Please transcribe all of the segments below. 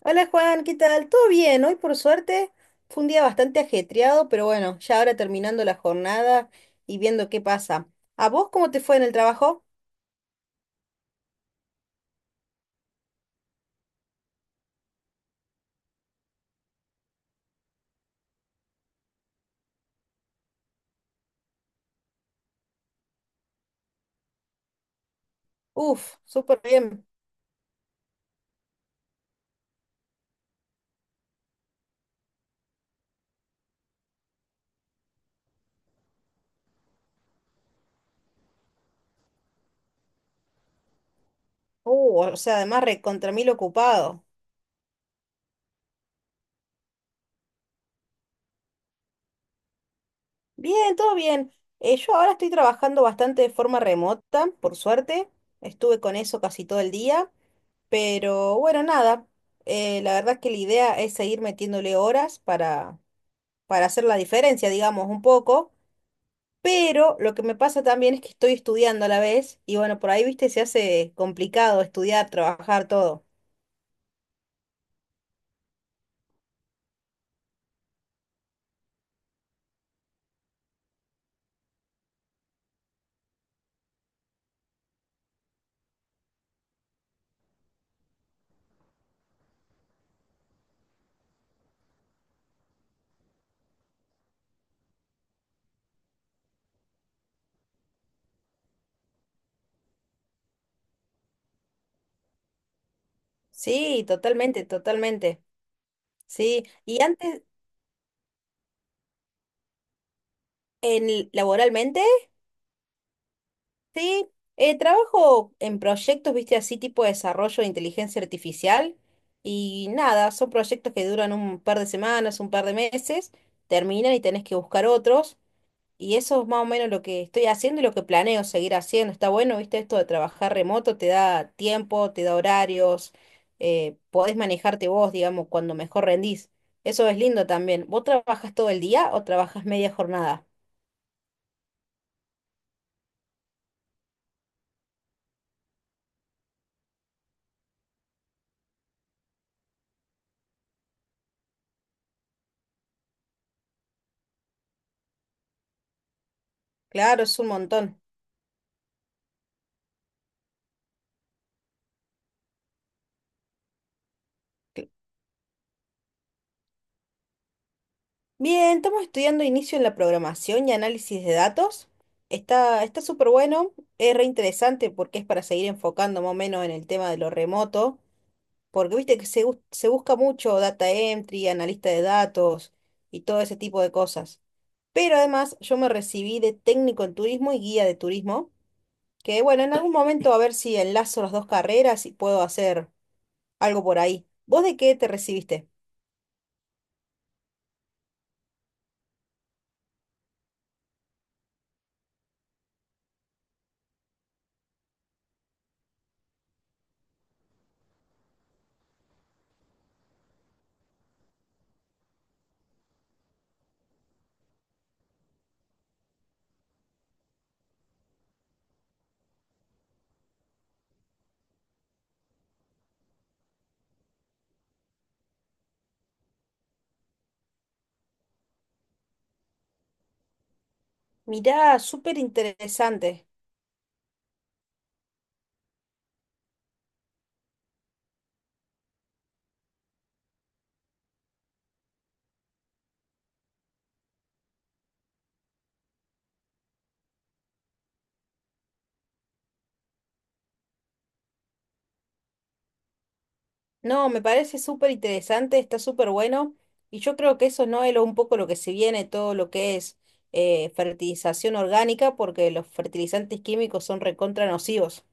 Hola Juan, ¿qué tal? ¿Todo bien? Hoy por suerte fue un día bastante ajetreado, pero bueno, ya ahora terminando la jornada y viendo qué pasa. ¿A vos cómo te fue en el trabajo? Uf, súper bien. O sea, además recontra mil ocupado. Bien, todo bien. Yo ahora estoy trabajando bastante de forma remota, por suerte. Estuve con eso casi todo el día, pero bueno, nada. La verdad es que la idea es seguir metiéndole horas para hacer la diferencia, digamos, un poco. Pero lo que me pasa también es que estoy estudiando a la vez y bueno, por ahí, viste, se hace complicado estudiar, trabajar, todo. Sí, totalmente, totalmente. Sí, y antes, en, laboralmente, sí, trabajo en proyectos, viste, así tipo de desarrollo de inteligencia artificial y nada, son proyectos que duran un par de semanas, un par de meses, terminan y tenés que buscar otros. Y eso es más o menos lo que estoy haciendo y lo que planeo seguir haciendo. Está bueno, viste, esto de trabajar remoto, te da tiempo, te da horarios, podés manejarte vos, digamos, cuando mejor rendís. Eso es lindo también. ¿Vos trabajas todo el día o trabajas media jornada? Claro, es un montón. Cl- Bien, estamos estudiando inicio en la programación y análisis de datos. Está súper bueno, es re interesante porque es para seguir enfocando más o menos en el tema de lo remoto. Porque viste que se busca mucho data entry, analista de datos y todo ese tipo de cosas. Pero además yo me recibí de técnico en turismo y guía de turismo, que bueno, en algún momento a ver si enlazo las dos carreras y puedo hacer algo por ahí. ¿Vos de qué te recibiste? Mirá, súper interesante. No, me parece súper interesante, está súper bueno. Y yo creo que eso no es un poco lo que se viene, todo lo que es fertilización orgánica, porque los fertilizantes químicos son recontra nocivos.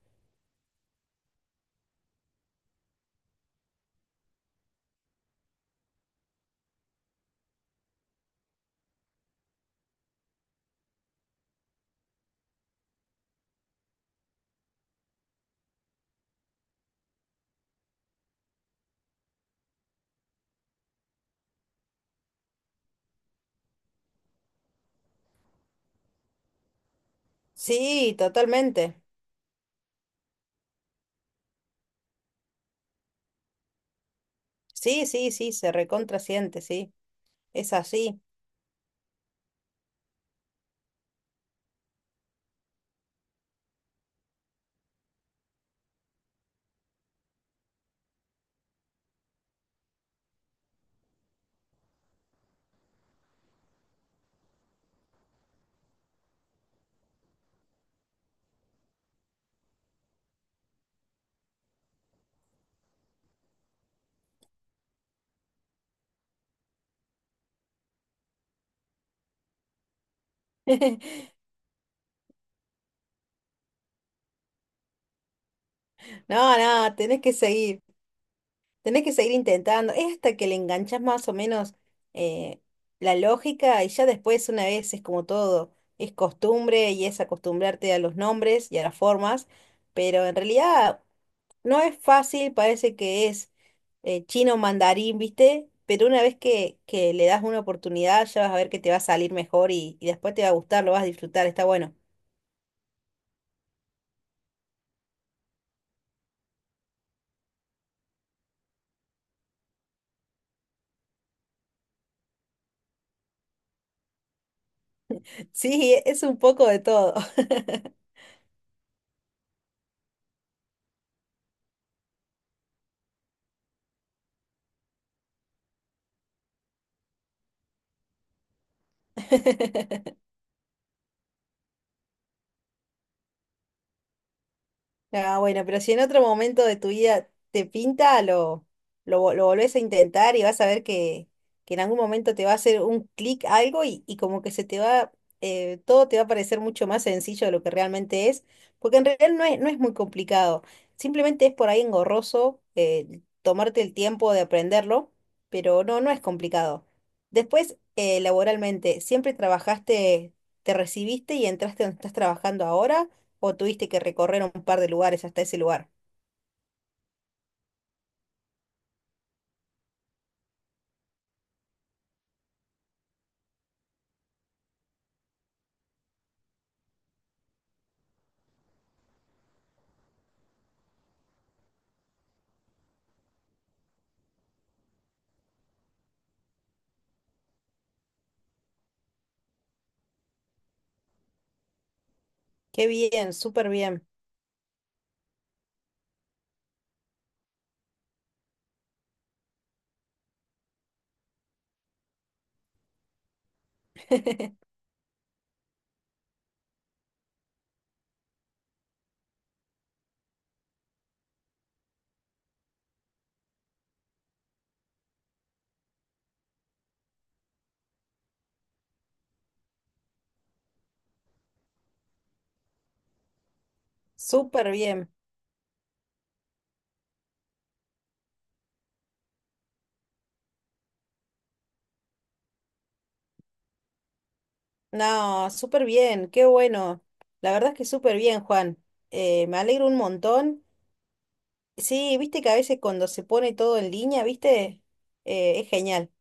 Sí, totalmente. Sí, sí, sí, se recontrasiente, sí. Es así. No, no, tenés que seguir. Tenés que seguir intentando. Es hasta que le enganchás más o menos eh, la lógica y ya después, una vez, es como todo. Es costumbre y es acostumbrarte a los nombres y a las formas. Pero en realidad, no es fácil, parece que es chino mandarín, ¿viste? Pero una vez que le das una oportunidad, ya vas a ver que te va a salir mejor y después te va a gustar, lo vas a disfrutar, está bueno. Sí, es un poco de todo. Ah, bueno, pero si en otro momento de tu vida te pinta, lo volvés a intentar y vas a ver que en algún momento te va a hacer un clic algo y como que se te va, todo te va a parecer mucho más sencillo de lo que realmente es, porque en realidad no es muy complicado, simplemente es por ahí engorroso tomarte el tiempo de aprenderlo, pero no, no es complicado. Después, laboralmente, ¿siempre trabajaste, te recibiste y entraste donde estás trabajando ahora? ¿O tuviste que recorrer un par de lugares hasta ese lugar? Qué bien, súper bien, súper bien. No, súper bien, qué bueno. La verdad es que súper bien, Juan. Me alegro un montón. Sí, viste que a veces cuando se pone todo en línea, viste, es genial.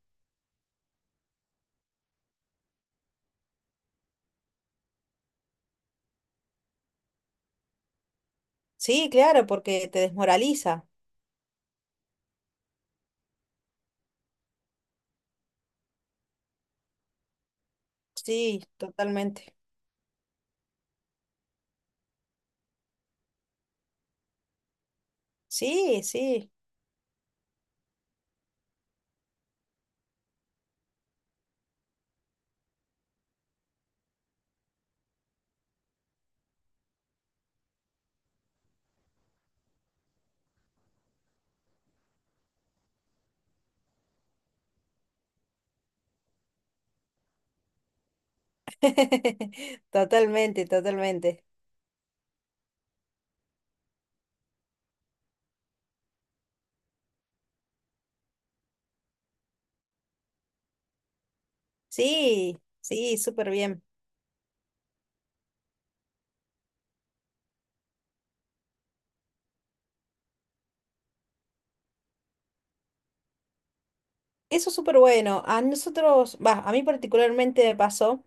Sí, claro, porque te desmoraliza. Sí, totalmente. Sí, sí. Totalmente, totalmente. Sí, sí, súper bien. Eso es súper bueno. A nosotros, va, a mí particularmente me pasó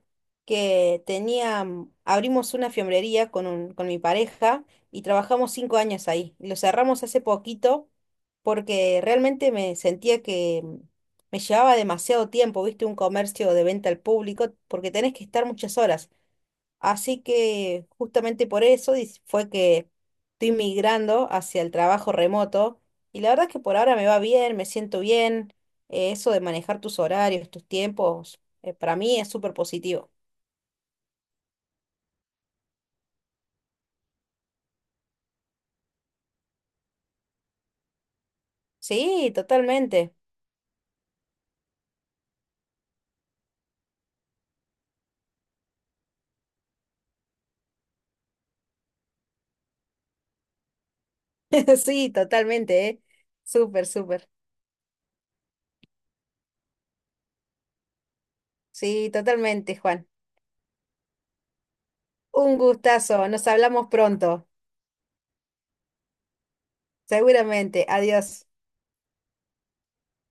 que tenía, abrimos una fiambrería con un, con mi pareja y trabajamos 5 años ahí. Lo cerramos hace poquito porque realmente me sentía que me llevaba demasiado tiempo, viste, un comercio de venta al público, porque tenés que estar muchas horas. Así que justamente por eso fue que estoy migrando hacia el trabajo remoto y la verdad es que por ahora me va bien, me siento bien. Eso de manejar tus horarios, tus tiempos, para mí es súper positivo. Sí, totalmente. Sí, totalmente, ¿eh? Súper, súper. Sí, totalmente, Juan. Un gustazo. Nos hablamos pronto. Seguramente. Adiós.